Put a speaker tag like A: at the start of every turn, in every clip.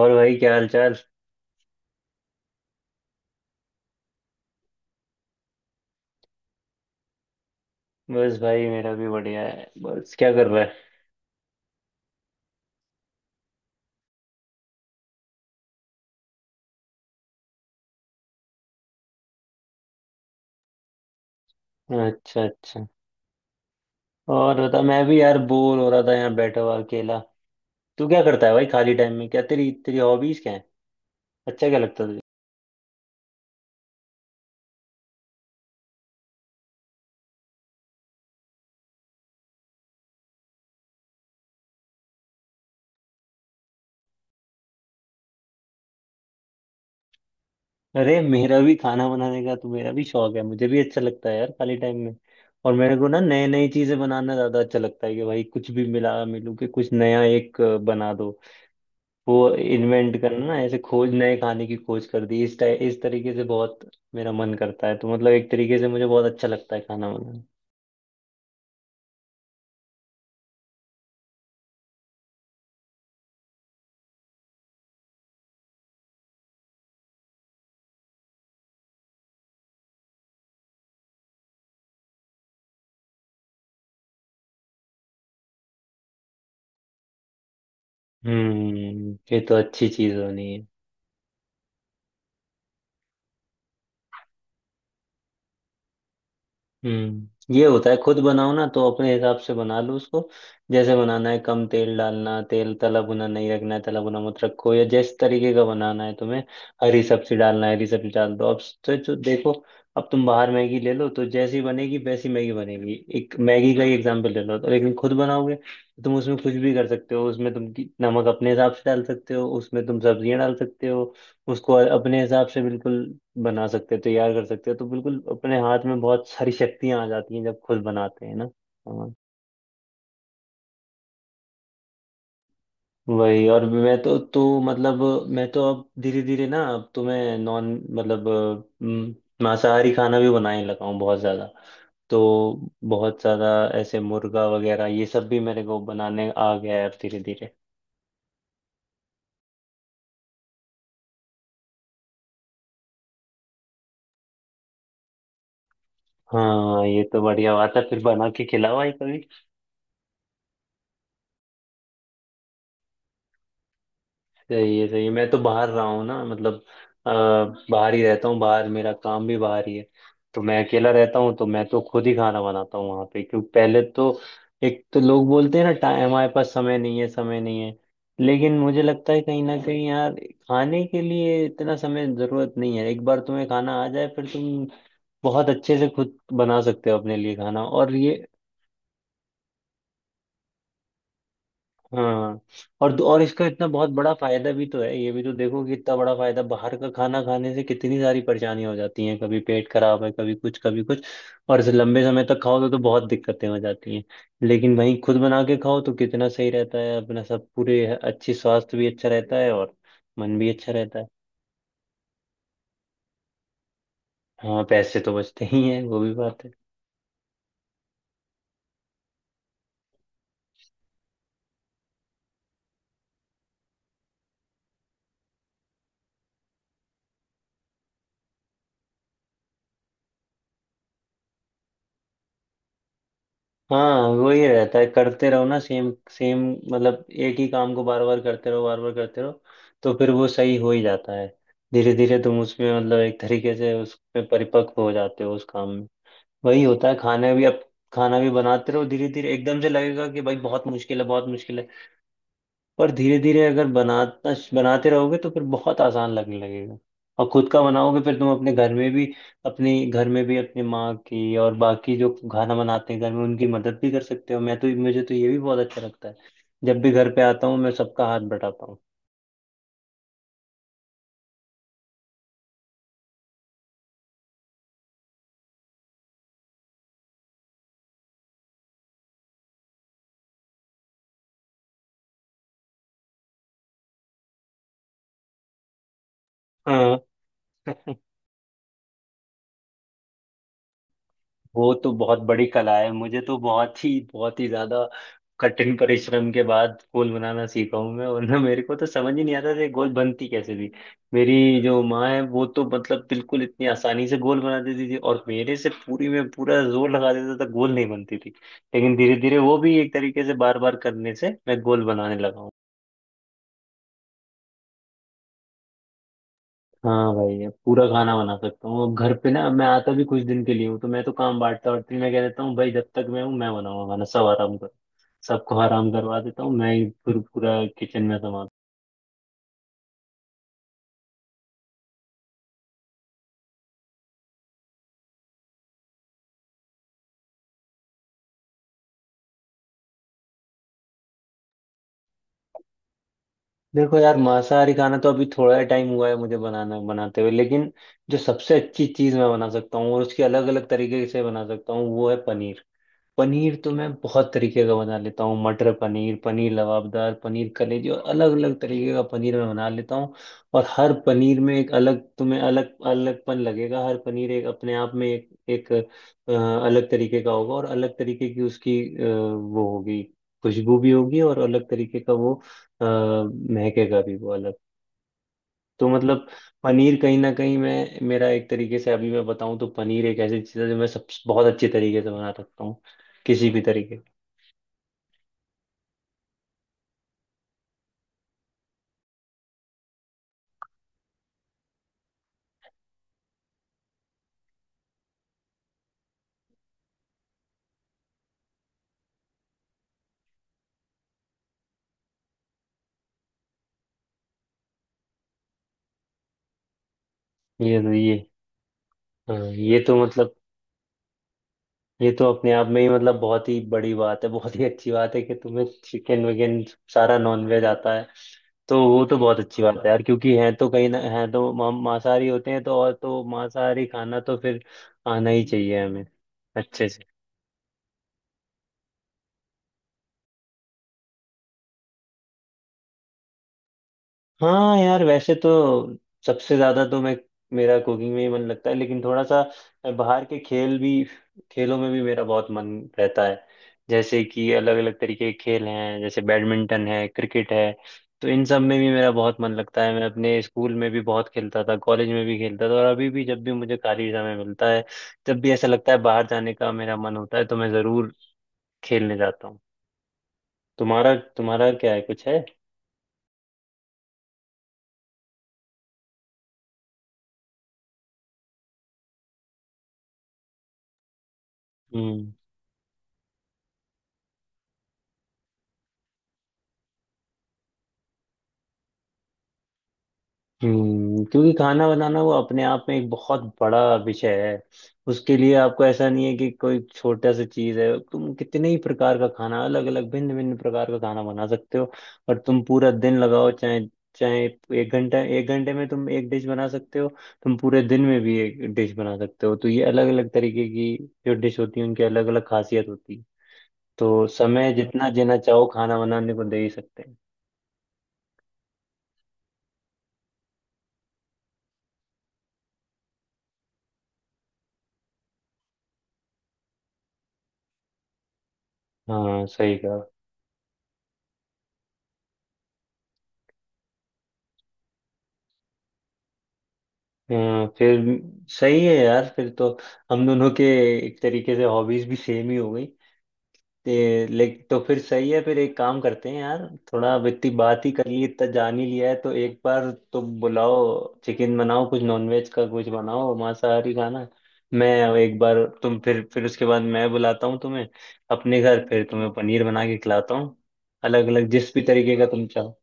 A: और भाई क्या हाल चाल। बस भाई मेरा भी बढ़िया है। बस क्या कर रहा है। अच्छा अच्छा। और बता, मैं भी यार बोर हो रहा था यहाँ बैठा हुआ अकेला। तू क्या करता है भाई खाली टाइम में, क्या तेरी तेरी हॉबीज क्या है। अच्छा क्या लगता है तुझे। अरे मेरा भी खाना बनाने का, तो मेरा भी शौक है, मुझे भी अच्छा लगता है यार खाली टाइम में। और मेरे को ना नई नई चीजें बनाना ज्यादा अच्छा लगता है कि भाई कुछ भी मिला मिलू के कुछ नया बना दो। वो इन्वेंट करना ना, ऐसे खोज, नए खाने की खोज कर दी इस तरीके से बहुत मेरा मन करता है। तो मतलब एक तरीके से मुझे बहुत अच्छा लगता है खाना बनाना। हम्म, ये तो अच्छी चीज होनी है। हम्म, ये होता है, खुद बनाओ ना तो अपने हिसाब से बना लो उसको। जैसे बनाना है कम तेल डालना, तेल तला भुना नहीं रखना है, तला भुना मत रखो, या जिस तरीके का बनाना है तुम्हें। हरी सब्जी डालना है, हरी सब्जी डाल दो अब। तो देखो, अब तुम बाहर मैगी ले लो तो जैसी बनेगी वैसी मैगी बनेगी, एक मैगी का ही एग्जाम्पल ले लो तो। लेकिन खुद बनाओगे तो तुम उसमें कुछ भी कर सकते हो, उसमें नमक अपने हिसाब से डाल सकते हो, उसमें तुम सब्जियां डाल सकते हो, उसको अपने हिसाब से बिल्कुल बना सकते हो, तैयार कर सकते हो। तो बिल्कुल अपने हाथ में बहुत सारी शक्तियां आ जाती हैं जब खुद बनाते हैं ना। हाँ, वही। और मैं तो मैं तो अब धीरे धीरे ना, अब तो मैं नॉन मतलब अम, मांसाहारी खाना भी बनाने लगा हूँ बहुत ज्यादा। तो बहुत ज्यादा ऐसे मुर्गा वगैरह ये सब भी मेरे को बनाने आ गया है अब धीरे धीरे। हाँ, ये तो बढ़िया बात है, फिर बना के खिलाओ भाई। सही है सही है। मैं तो बाहर रहा हूँ ना, मतलब अ, बाहर ही रहता हूँ, बाहर मेरा काम भी बाहर ही है, तो मैं अकेला रहता हूँ, तो मैं तो खुद ही खाना बनाता हूँ वहाँ पे। क्योंकि पहले तो एक तो लोग बोलते हैं ना, टाइम हमारे पास समय नहीं है, समय नहीं है, लेकिन मुझे लगता है कहीं ना कहीं यार खाने के लिए इतना समय जरूरत नहीं है। एक बार तुम्हें खाना आ जाए फिर तुम बहुत अच्छे से खुद बना सकते हो अपने लिए खाना। और ये, हाँ। और इसका इतना बहुत बड़ा फायदा भी तो है, ये भी तो देखो कि इतना बड़ा फायदा, बाहर का खाना खाने से कितनी सारी परेशानियां हो जाती हैं, कभी पेट खराब है, कभी कुछ कभी कुछ, और इसे लंबे समय तक खाओ तो बहुत दिक्कतें हो जाती हैं। लेकिन वहीं खुद बना के खाओ तो कितना सही रहता है अपना सब, पूरे अच्छी स्वास्थ्य भी अच्छा रहता है और मन भी अच्छा रहता है। हाँ पैसे तो बचते ही हैं, वो भी बात है। हाँ वही रहता है, करते रहो ना सेम सेम। मतलब एक ही काम को बार बार करते रहो, बार बार करते रहो, तो फिर वो सही हो ही जाता है। धीरे धीरे तुम उसमें मतलब एक तरीके से उसमें परिपक्व हो जाते हो उस काम में। वही होता है खाना भी। अब खाना भी बनाते रहो धीरे धीरे, एकदम से लगेगा कि भाई बहुत मुश्किल है बहुत मुश्किल है, पर धीरे धीरे अगर बनाता बनाते रहोगे तो फिर बहुत आसान लगने लगेगा। और खुद का बनाओगे, फिर तुम अपने घर में भी, अपनी घर में भी अपनी माँ की और बाकी जो खाना बनाते हैं घर में उनकी मदद भी कर सकते हो। मैं तो, मुझे तो ये भी बहुत अच्छा लगता है, जब भी घर पे आता हूँ मैं सबका हाथ बटाता हूँ। हाँ, वो तो बहुत बड़ी कला है, मुझे तो बहुत ही ज्यादा कठिन परिश्रम के बाद गोल बनाना सीखा हूं मैं, वरना मेरे को तो समझ ही नहीं आता था ये गोल बनती कैसे थी। मेरी जो माँ है वो तो मतलब बिल्कुल इतनी आसानी से गोल बना देती थी, और मेरे से पूरी में पूरा जोर लगा देता था, गोल नहीं बनती थी। लेकिन धीरे धीरे वो भी एक तरीके से बार बार करने से मैं गोल बनाने लगा हूँ। हाँ भाई, अब पूरा खाना बना सकता हूँ अब घर पे ना। अब मैं आता भी कुछ दिन के लिए हूँ, तो मैं तो काम बांटता और मैं कह देता हूँ भाई जब तक मैं हूँ मैं बनाऊंगा खाना, सब आराम करो। सबको आराम करवा देता हूँ मैं ही फिर पूरा किचन में संभाल। देखो यार, मांसाहारी खाना तो अभी थोड़ा टाइम हुआ है मुझे बनाना बनाते हुए, लेकिन जो सबसे अच्छी चीज मैं बना सकता हूँ और उसकी अलग अलग तरीके से बना सकता हूँ वो है पनीर। पनीर तो मैं बहुत तरीके का बना लेता हूँ, मटर पनीर, पनीर लबाबदार, पनीर कलेजी, और अलग अलग तरीके का पनीर मैं बना लेता हूँ। और हर पनीर में एक अलग, तुम्हें अलग अलगपन लगेगा, हर पनीर एक अपने आप में एक एक अ, अलग तरीके का होगा और अलग तरीके की उसकी वो होगी, खुशबू भी होगी, और अलग तरीके का वो महकेगा भी वो अलग। तो मतलब पनीर कहीं ना कहीं मैं, मेरा एक तरीके से अभी मैं बताऊं तो पनीर एक ऐसी चीज़ है जो मैं सब बहुत अच्छे तरीके से बना सकता हूँ, किसी भी तरीके। ये तो ये, हाँ ये तो मतलब, ये तो अपने आप में ही मतलब बहुत ही बड़ी बात है, बहुत ही अच्छी बात है कि तुम्हें चिकन विकन सारा नॉन वेज आता है। तो वो तो बहुत अच्छी बात है यार, क्योंकि हैं तो कहीं ना, हैं तो मांसाहारी होते हैं तो, और तो मांसाहारी खाना तो फिर आना ही चाहिए हमें अच्छे से। हाँ यार, वैसे तो सबसे ज्यादा तो मैं, मेरा कुकिंग में ही मन लगता है, लेकिन थोड़ा सा बाहर के खेल भी, खेलों में भी मेरा बहुत मन रहता है। जैसे कि अलग अलग तरीके के खेल हैं, जैसे बैडमिंटन है, क्रिकेट है, तो इन सब में भी मेरा बहुत मन लगता है। मैं अपने स्कूल में भी बहुत खेलता था, कॉलेज में भी खेलता था, और अभी भी जब भी मुझे खाली समय मिलता है, जब भी ऐसा लगता है बाहर जाने का मेरा मन होता है तो मैं जरूर खेलने जाता हूँ। तुम्हारा तुम्हारा क्या है, कुछ है? हम्म। हम्म, क्योंकि खाना बनाना वो अपने आप में एक बहुत बड़ा विषय है, उसके लिए आपको ऐसा नहीं है कि कोई छोटा सा चीज है। तुम कितने ही प्रकार का खाना, अलग अलग भिन्न भिन्न प्रकार का खाना बना सकते हो, और तुम पूरा दिन लगाओ चाहे चाहे एक घंटा, एक घंटे में तुम एक डिश बना सकते हो, तुम पूरे दिन में भी एक डिश बना सकते हो। तो ये अलग अलग तरीके की जो डिश होती है उनकी अलग अलग खासियत होती है, तो समय जितना जीना चाहो खाना बनाने को दे ही सकते हैं। हाँ सही कहा। हाँ, फिर सही है यार, फिर तो हम दोनों के एक तरीके से हॉबीज भी सेम ही हो गई। लेकिन तो फिर सही है, फिर एक काम करते हैं यार, थोड़ा अब इतनी बात ही कर ली, इतना जान ही लिया है, तो एक बार तुम बुलाओ, चिकन बनाओ, कुछ नॉनवेज का कुछ बनाओ मांसाहारी खाना। मैं एक बार तुम, फिर उसके बाद मैं बुलाता हूँ तुम्हें अपने घर, फिर तुम्हें पनीर बना के खिलाता हूँ, अलग अलग जिस भी तरीके का तुम चाहो।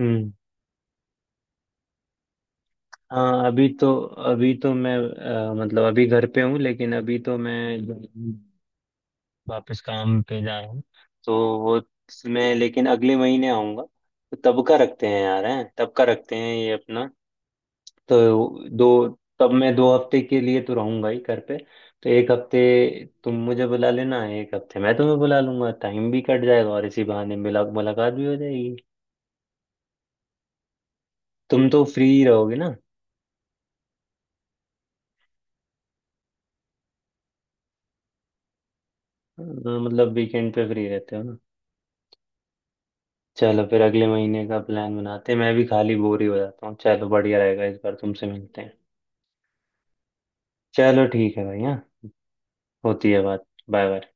A: हम्म। हाँ अभी तो, अभी तो मैं मतलब अभी घर पे हूँ लेकिन अभी तो वापस काम पे जा रहा हूँ, तो वो, मैं लेकिन अगले महीने आऊँगा, तो तब का रखते हैं यार, हैं तब का रखते हैं ये अपना। तो दो, तब मैं दो हफ्ते के लिए तो रहूँगा ही घर पे, तो एक हफ्ते तुम मुझे बुला लेना, एक हफ्ते मैं तुम्हें बुला लूंगा, टाइम भी कट जाएगा और इसी बहाने मिला मुलाकात भी हो जाएगी। तुम तो फ्री रहोगे ना? मतलब वीकेंड पे फ्री रहते हो। चलो फिर अगले महीने का प्लान बनाते हैं, मैं भी खाली बोर ही हो जाता हूँ, चलो बढ़िया रहेगा इस बार तुमसे मिलते हैं। चलो ठीक है भैया, होती है बात। Bye bye.